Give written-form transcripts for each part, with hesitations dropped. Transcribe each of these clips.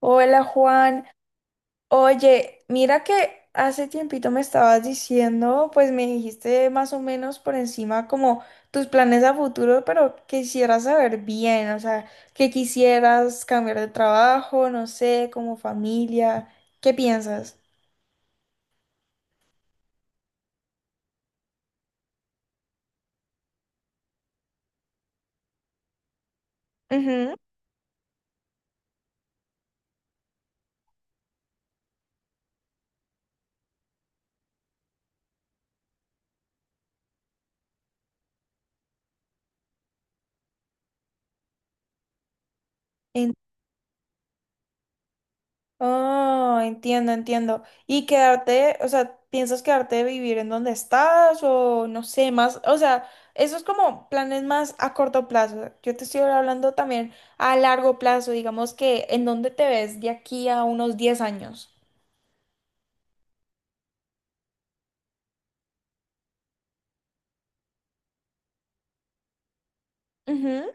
Hola Juan, oye, mira que hace tiempito me estabas diciendo, pues me dijiste más o menos por encima como tus planes a futuro, pero quisiera saber bien, o sea, que quisieras cambiar de trabajo, no sé, como familia, ¿qué piensas? Ujú. Oh, entiendo, entiendo. ¿Y quedarte, o sea, piensas quedarte de vivir en donde estás o no sé, más, o sea, eso es como planes más a corto plazo. Yo te estoy hablando también a largo plazo, digamos que en dónde te ves de aquí a unos 10 años. Ujú,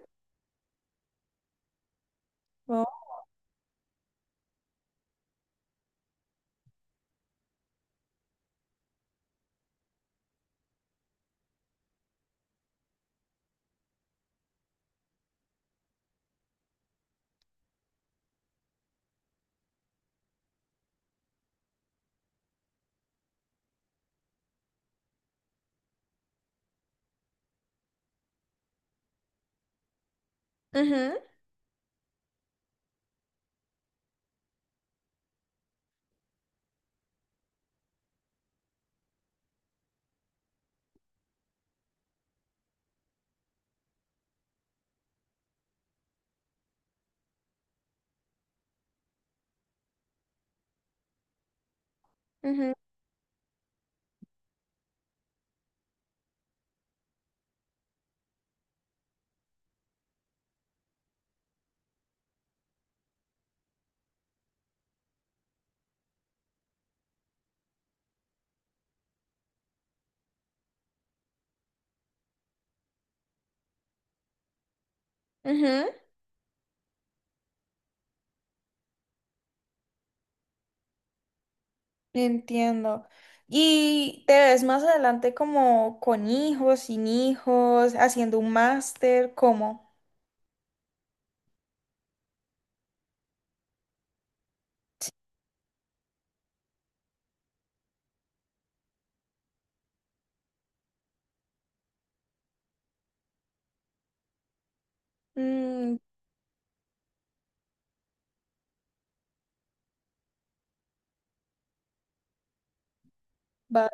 oh, ujú, ujú, ujú. Entiendo. ¿Y te ves más adelante como con hijos, sin hijos, haciendo un máster, cómo? Mm, va.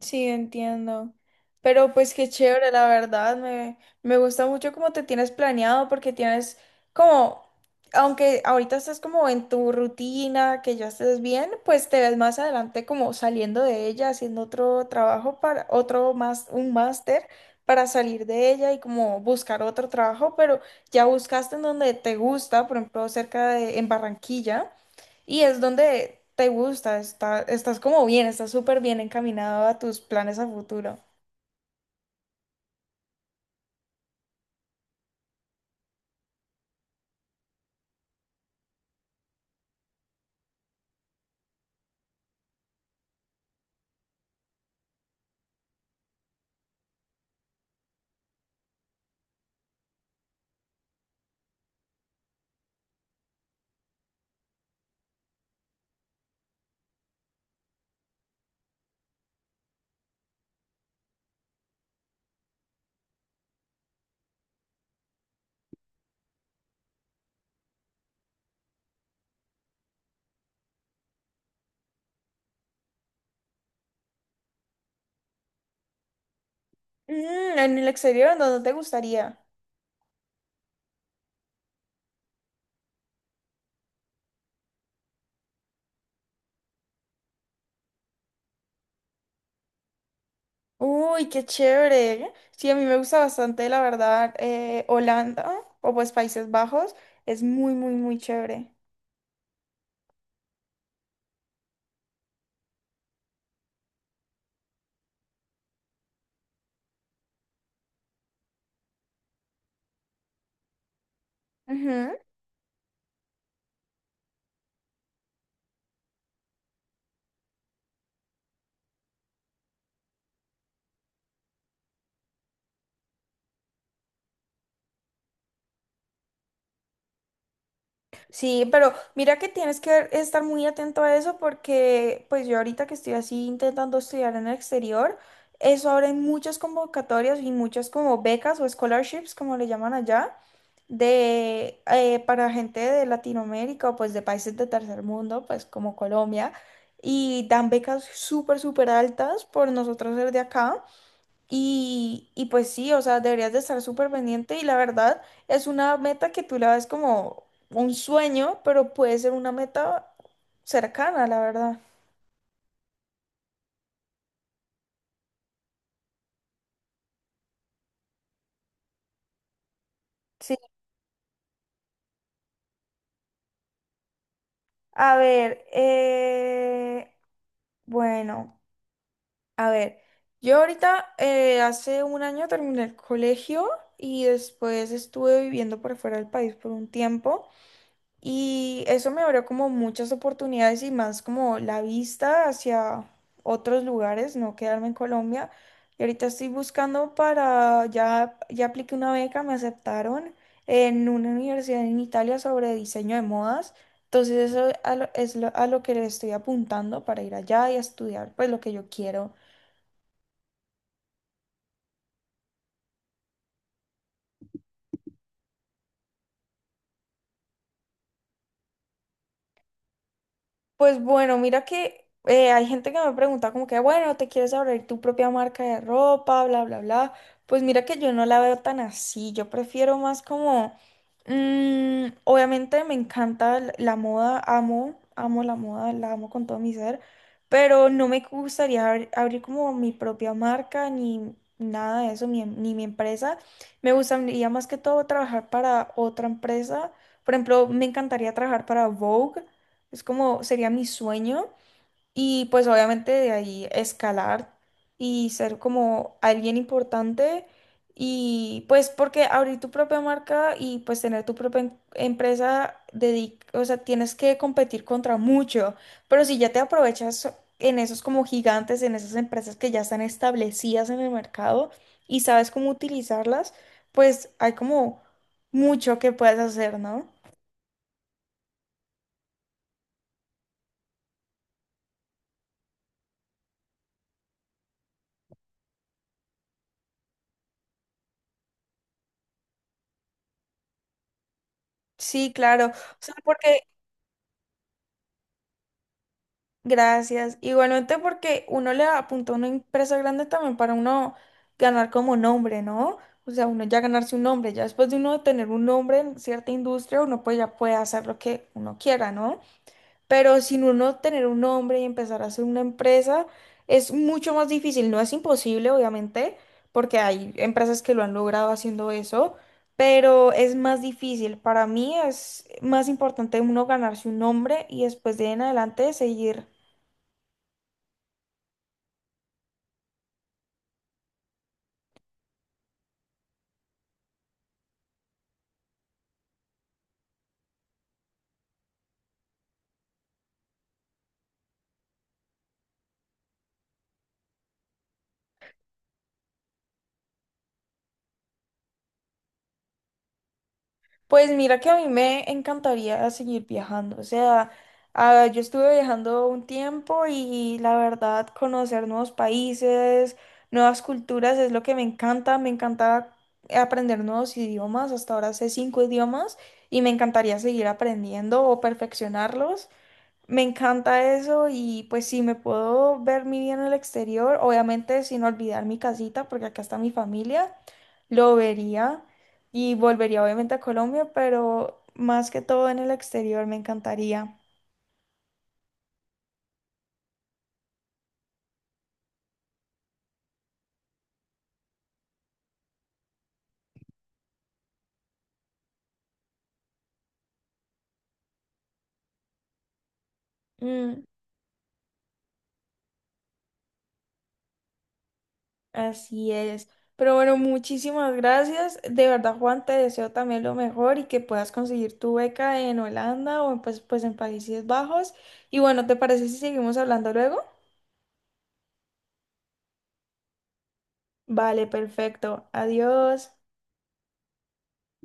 Sí, entiendo. Pero pues qué chévere, la verdad. Me gusta mucho cómo te tienes planeado porque tienes como, aunque ahorita estés como en tu rutina, que ya estés bien, pues te ves más adelante como saliendo de ella, haciendo otro trabajo para otro más, un máster para salir de ella y como buscar otro trabajo, pero ya buscaste en donde te gusta, por ejemplo, cerca de, en Barranquilla. Y es donde te gusta, está, estás como bien, estás súper bien encaminado a tus planes a futuro. Mm, en el exterior, ¿en dónde te gustaría? Uy, qué chévere. Sí, a mí me gusta bastante, la verdad, Holanda o pues Países Bajos. Es muy, muy, muy chévere. Ujú. Sí, pero mira que tienes que estar muy atento a eso porque pues yo ahorita que estoy así intentando estudiar en el exterior, eso ahora hay muchas convocatorias y muchas como becas o scholarships, como le llaman allá, de para gente de Latinoamérica o pues de países de tercer mundo, pues como Colombia, y dan becas súper, súper altas por nosotros ser de acá. Y pues sí, o sea, deberías de estar súper pendiente y la verdad es una meta que tú la ves como un sueño, pero puede ser una meta cercana, la verdad. Sí. A ver, bueno, a ver, yo ahorita hace un año terminé el colegio y después estuve viviendo por fuera del país por un tiempo. Y eso me abrió como muchas oportunidades y más como la vista hacia otros lugares, no quedarme en Colombia. Y ahorita estoy buscando para, ya apliqué una beca, me aceptaron en una universidad en Italia sobre diseño de modas. Entonces eso a lo que le estoy apuntando para ir allá y estudiar pues lo que yo quiero. Pues bueno, mira que hay gente que me pregunta como que, bueno, ¿te quieres abrir tu propia marca de ropa, bla, bla, bla? Pues mira que yo no la veo tan así, yo prefiero más como, obviamente me encanta la moda, amo, amo la moda, la amo con todo mi ser, pero no me gustaría abrir como mi propia marca ni nada de eso, ni mi empresa. Me gustaría más que todo trabajar para otra empresa. Por ejemplo, me encantaría trabajar para Vogue. Es como sería mi sueño y pues obviamente de ahí escalar y ser como alguien importante y pues porque abrir tu propia marca y pues tener tu propia empresa, o sea, tienes que competir contra mucho, pero si ya te aprovechas en esos como gigantes, en esas empresas que ya están establecidas en el mercado y sabes cómo utilizarlas, pues hay como mucho que puedes hacer, ¿no? Sí, claro. O sea, porque Gracias. Igualmente porque uno le apunta una empresa grande también para uno ganar como nombre, ¿no? O sea, uno ya ganarse un nombre, ya después de uno tener un nombre en cierta industria, uno pues ya puede hacer lo que uno quiera, ¿no? Pero sin uno tener un nombre y empezar a hacer una empresa, es mucho más difícil. No es imposible, obviamente, porque hay empresas que lo han logrado haciendo eso, pero es más difícil. Para mí es más importante uno ganarse un nombre y después de ahí en adelante seguir. Pues mira que a mí me encantaría seguir viajando, o sea, ah, yo estuve viajando un tiempo y la verdad conocer nuevos países, nuevas culturas es lo que me encanta aprender nuevos idiomas, hasta ahora sé cinco idiomas y me encantaría seguir aprendiendo o perfeccionarlos. Me encanta eso y pues sí, me puedo ver mi vida en el exterior, obviamente sin olvidar mi casita, porque acá está mi familia, lo vería y volvería obviamente a Colombia, pero más que todo en el exterior me encantaría. Mm, Así es. Pero bueno, muchísimas gracias. De verdad, Juan, te deseo también lo mejor y que puedas conseguir tu beca en Holanda o en, pues en Países Bajos. Y bueno, ¿te parece si seguimos hablando luego? Vale, perfecto. Adiós.